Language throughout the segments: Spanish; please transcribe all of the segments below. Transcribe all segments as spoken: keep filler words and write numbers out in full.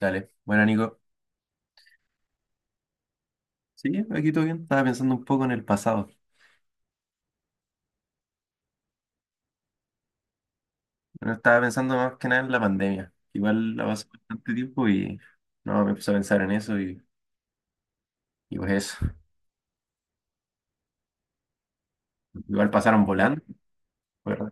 Dale, bueno, Nico. Sí, aquí todo bien. Estaba pensando un poco en el pasado. Bueno, estaba pensando más que nada en la pandemia. Igual la pasó bastante tiempo y no, me empecé a pensar en eso y, y pues eso. Igual pasaron volando, ¿verdad?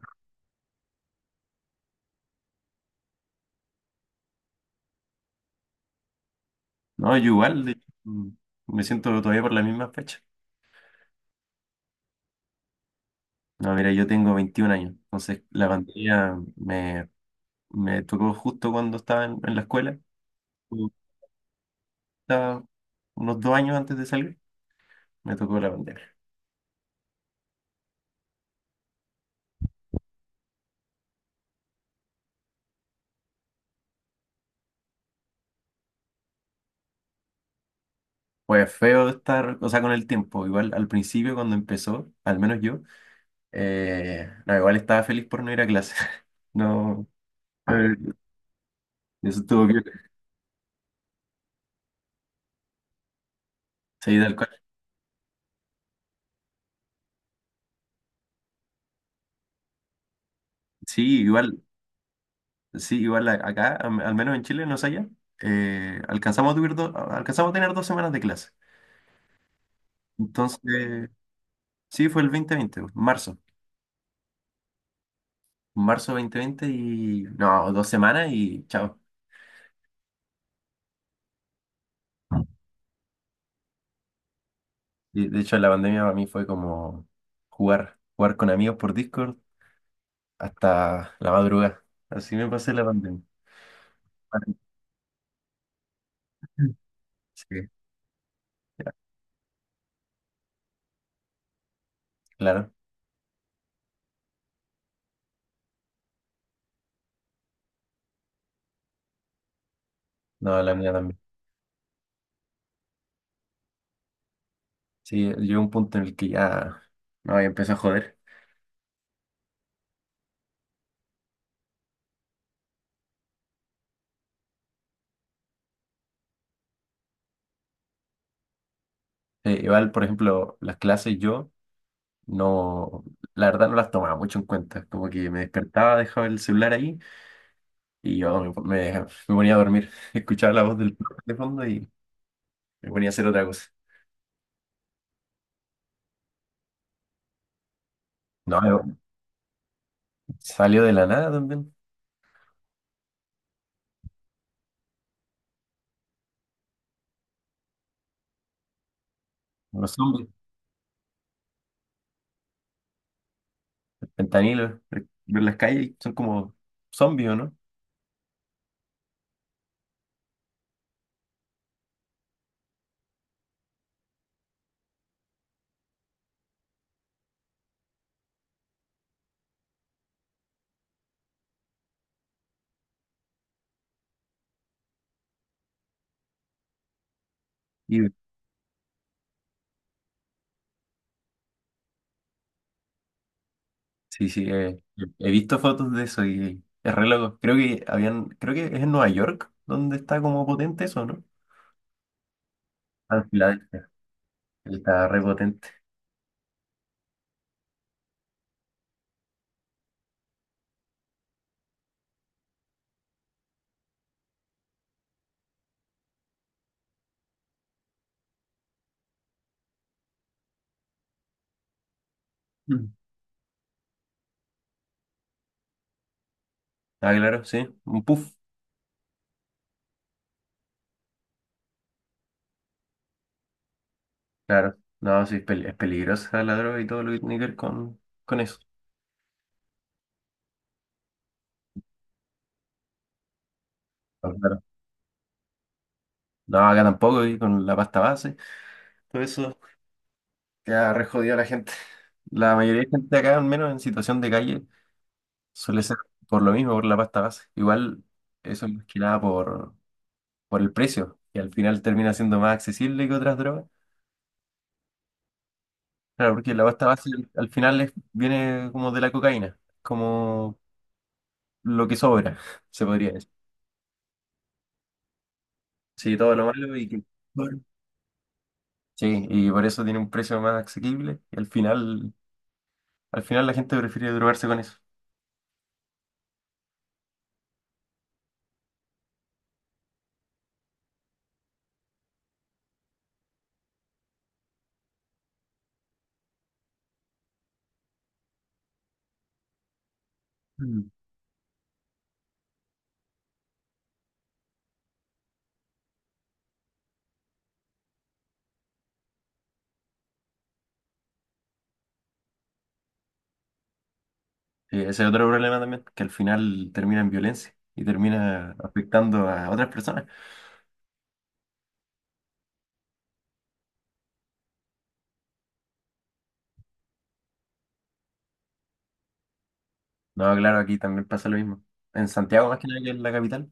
No, yo igual, de hecho, mm, me siento todavía por la misma fecha. No, mira, yo tengo veintiún años, entonces la pandemia me, me tocó justo cuando estaba en, en la escuela. Estaba unos dos años antes de salir, me tocó la pandemia. Pues feo estar, o sea, con el tiempo. Igual al principio cuando empezó, al menos yo. Eh, no, igual estaba feliz por no ir a clase. No, eh, eso estuvo bien. Sí, tal cual. Sí, igual, sí, igual a- acá, am- al menos en Chile, no sé allá, eh, alcanzamos a tuvir do- alcanzamos a tener dos semanas de clase. Entonces, sí, fue el dos mil veinte, marzo. Marzo dos mil veinte y, no, dos semanas y chao. Y, de hecho, la pandemia para mí fue como jugar, jugar con amigos por Discord hasta la madrugada. Así me pasé la pandemia. Sí, ya, claro. No, la mía también. Sí, llegó un punto en el que ya, no, ya empecé a joder. Eh, igual, por ejemplo, las clases yo no, la verdad no las tomaba mucho en cuenta. Como que me despertaba, dejaba el celular ahí y yo me, me- me ponía a dormir. Escuchaba la voz del profe de fondo y me ponía a hacer otra cosa. No, yo- salió de la nada también. Los zombies, fentanilo, ver las calles son como zombies, ¿o no? Sí, sí, eh, he visto fotos de eso y es re loco. Creo que habían, creo que es en Nueva York donde está como potente eso, ¿no? Ah, en Filadelfia. Está re potente. Mm. Ah, claro, sí. Un puff. Claro. No, sí, es, pel- es peligrosa la droga y todo lo que tiene que ver con, con eso. Ah, claro. No, acá tampoco, y con la pasta base. Todo eso que ha re jodido a la gente. La mayoría de gente acá, al menos en situación de calle, suele ser por lo mismo, por la pasta base. Igual, eso es más que nada por por el precio, que al final termina siendo más accesible que otras drogas. Claro, porque la pasta base al al final es- viene como de la cocaína, como lo que sobra, se podría decir. Sí, todo lo malo y que, bueno, sí, y por eso tiene un precio más asequible y al final, al final la gente prefiere drogarse con eso. Mm. Sí, ese es otro problema también, que al final termina en violencia y termina afectando a otras personas. No, claro, aquí también pasa lo mismo. En Santiago, más que nada, que es la capital.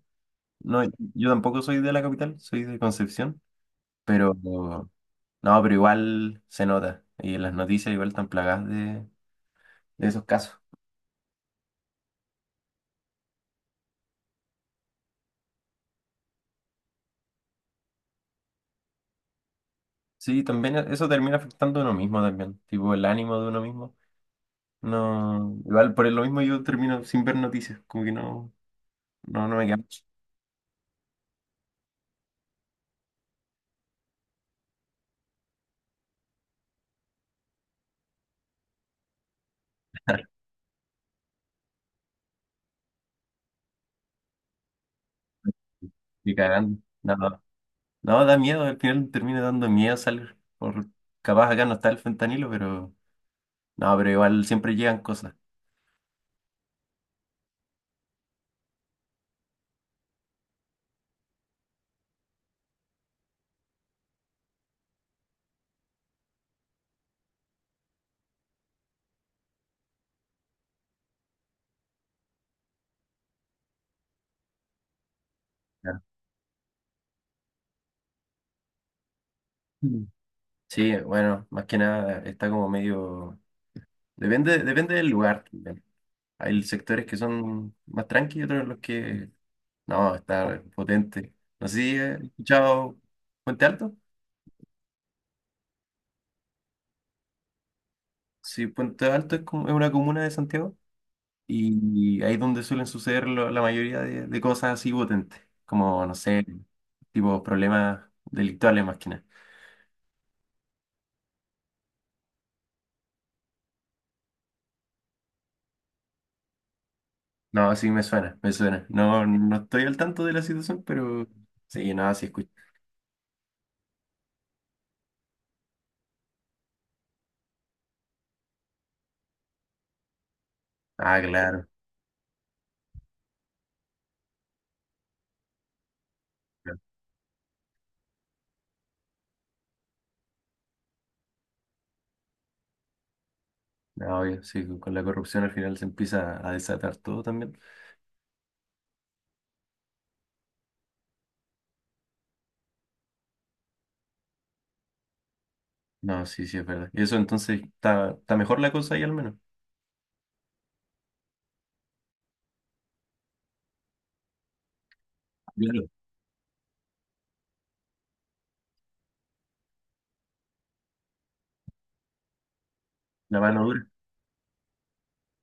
No, yo tampoco soy de la capital, soy de Concepción. Pero no, pero igual se nota. Y las noticias igual están plagadas de, de esos casos. Sí, también e, eso termina afectando a uno mismo también. Tipo el ánimo de uno mismo. No, igual por lo mismo yo termino sin ver noticias. Como que no, no, no me queda ni cagando. No, no, da miedo, al final termina dando miedo salir. Por, capaz acá no está el fentanilo, pero no, pero igual siempre llegan cosas. Ya. Mm. Sí, bueno, más que nada está como medio. Depende, depende del lugar también. Hay sectores que son más tranquilos, otros en los que no, está potente. No sé si he escuchado Puente Alto. Sí, Puente Alto es, como, es una comuna de Santiago y ahí es donde suelen suceder lo- la mayoría de, de cosas así potentes, como, no sé, tipo problemas delictuales más que nada. No, sí me suena, me suena. No, no estoy al tanto de la situación, pero sí, no, sí escucho. Ah, claro. Claro. No, obvio, sí, con la corrupción al final se empieza a desatar todo también. No, sí, sí, es verdad. Y eso entonces está, está mejor la cosa ahí al menos. Claro. La mano dura.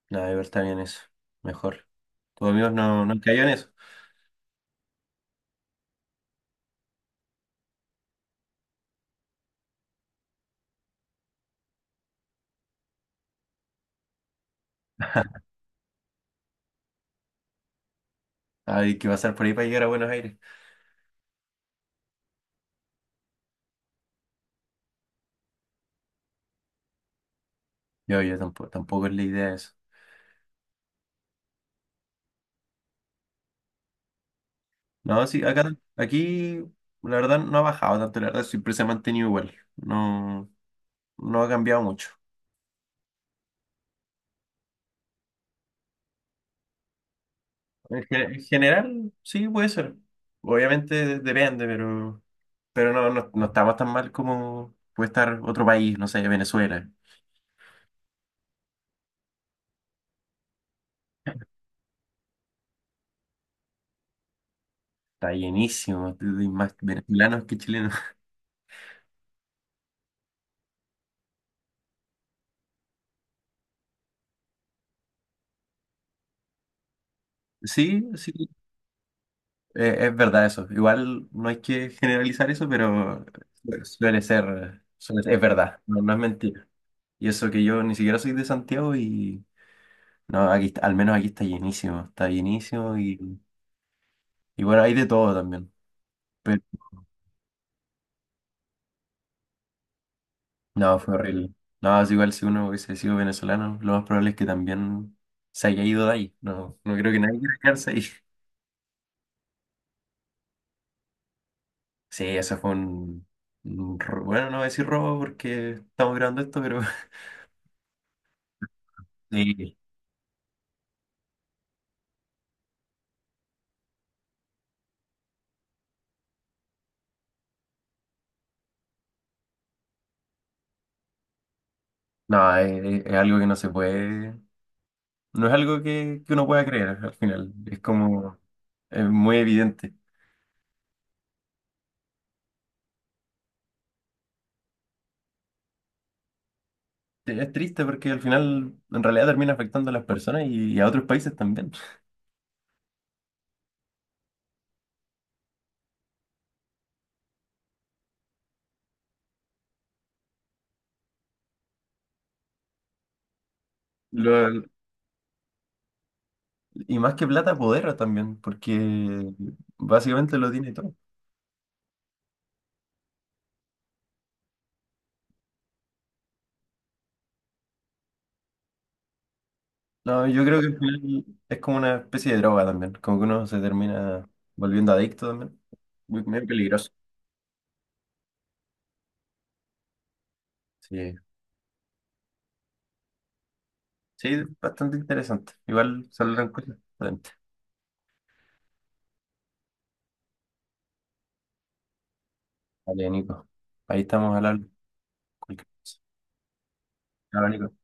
Nada, de verdad está bien eso. Mejor. Tus amigos no, no han en eso. Hay que pasar por ahí para llegar a Buenos Aires. Yo, yo tampoco, tampoco es la idea eso. No, sí, acá, aquí, la verdad no ha bajado tanto, la verdad siempre se ha mantenido igual. No, no ha cambiado mucho. En, gen- en general, sí, puede ser. Obviamente depende, pero, pero no, no, no estamos tan mal como puede estar otro país, no sé, Venezuela. Está llenísimo, hay más venezolanos que chilenos. Sí, sí, eh, es verdad eso. Igual no hay que generalizar eso, pero bueno, suele ser, suele ser- es verdad, no, no es mentira. Y eso que yo ni siquiera soy de Santiago y no, aquí está- al menos aquí está llenísimo, está llenísimo y, y bueno, hay de todo también. Pero no, fue horrible. No, es igual si uno hubiese sido venezolano, lo más probable es que también se haya ido de ahí. No, no creo que nadie quiera quedarse ahí. Sí, eso fue un, un ro- Bueno, no voy a decir robo porque estamos grabando esto, pero... Sí. No, es, es algo que no se puede... No es algo que, que uno pueda creer al final. Es como... Es muy evidente. Sí, es triste porque al final en realidad termina afectando a las personas y, y a otros países también. Lo- y más que plata, poder también, porque básicamente lo tiene todo. No, yo creo que al final es como una especie de droga también, como que uno se termina volviendo adicto también. Muy, muy peligroso. Sí. Sí, bastante interesante. Igual saldrán cosas. Vale, Nico. Ahí estamos al habla. Cualquier cosa. Chao, Nico.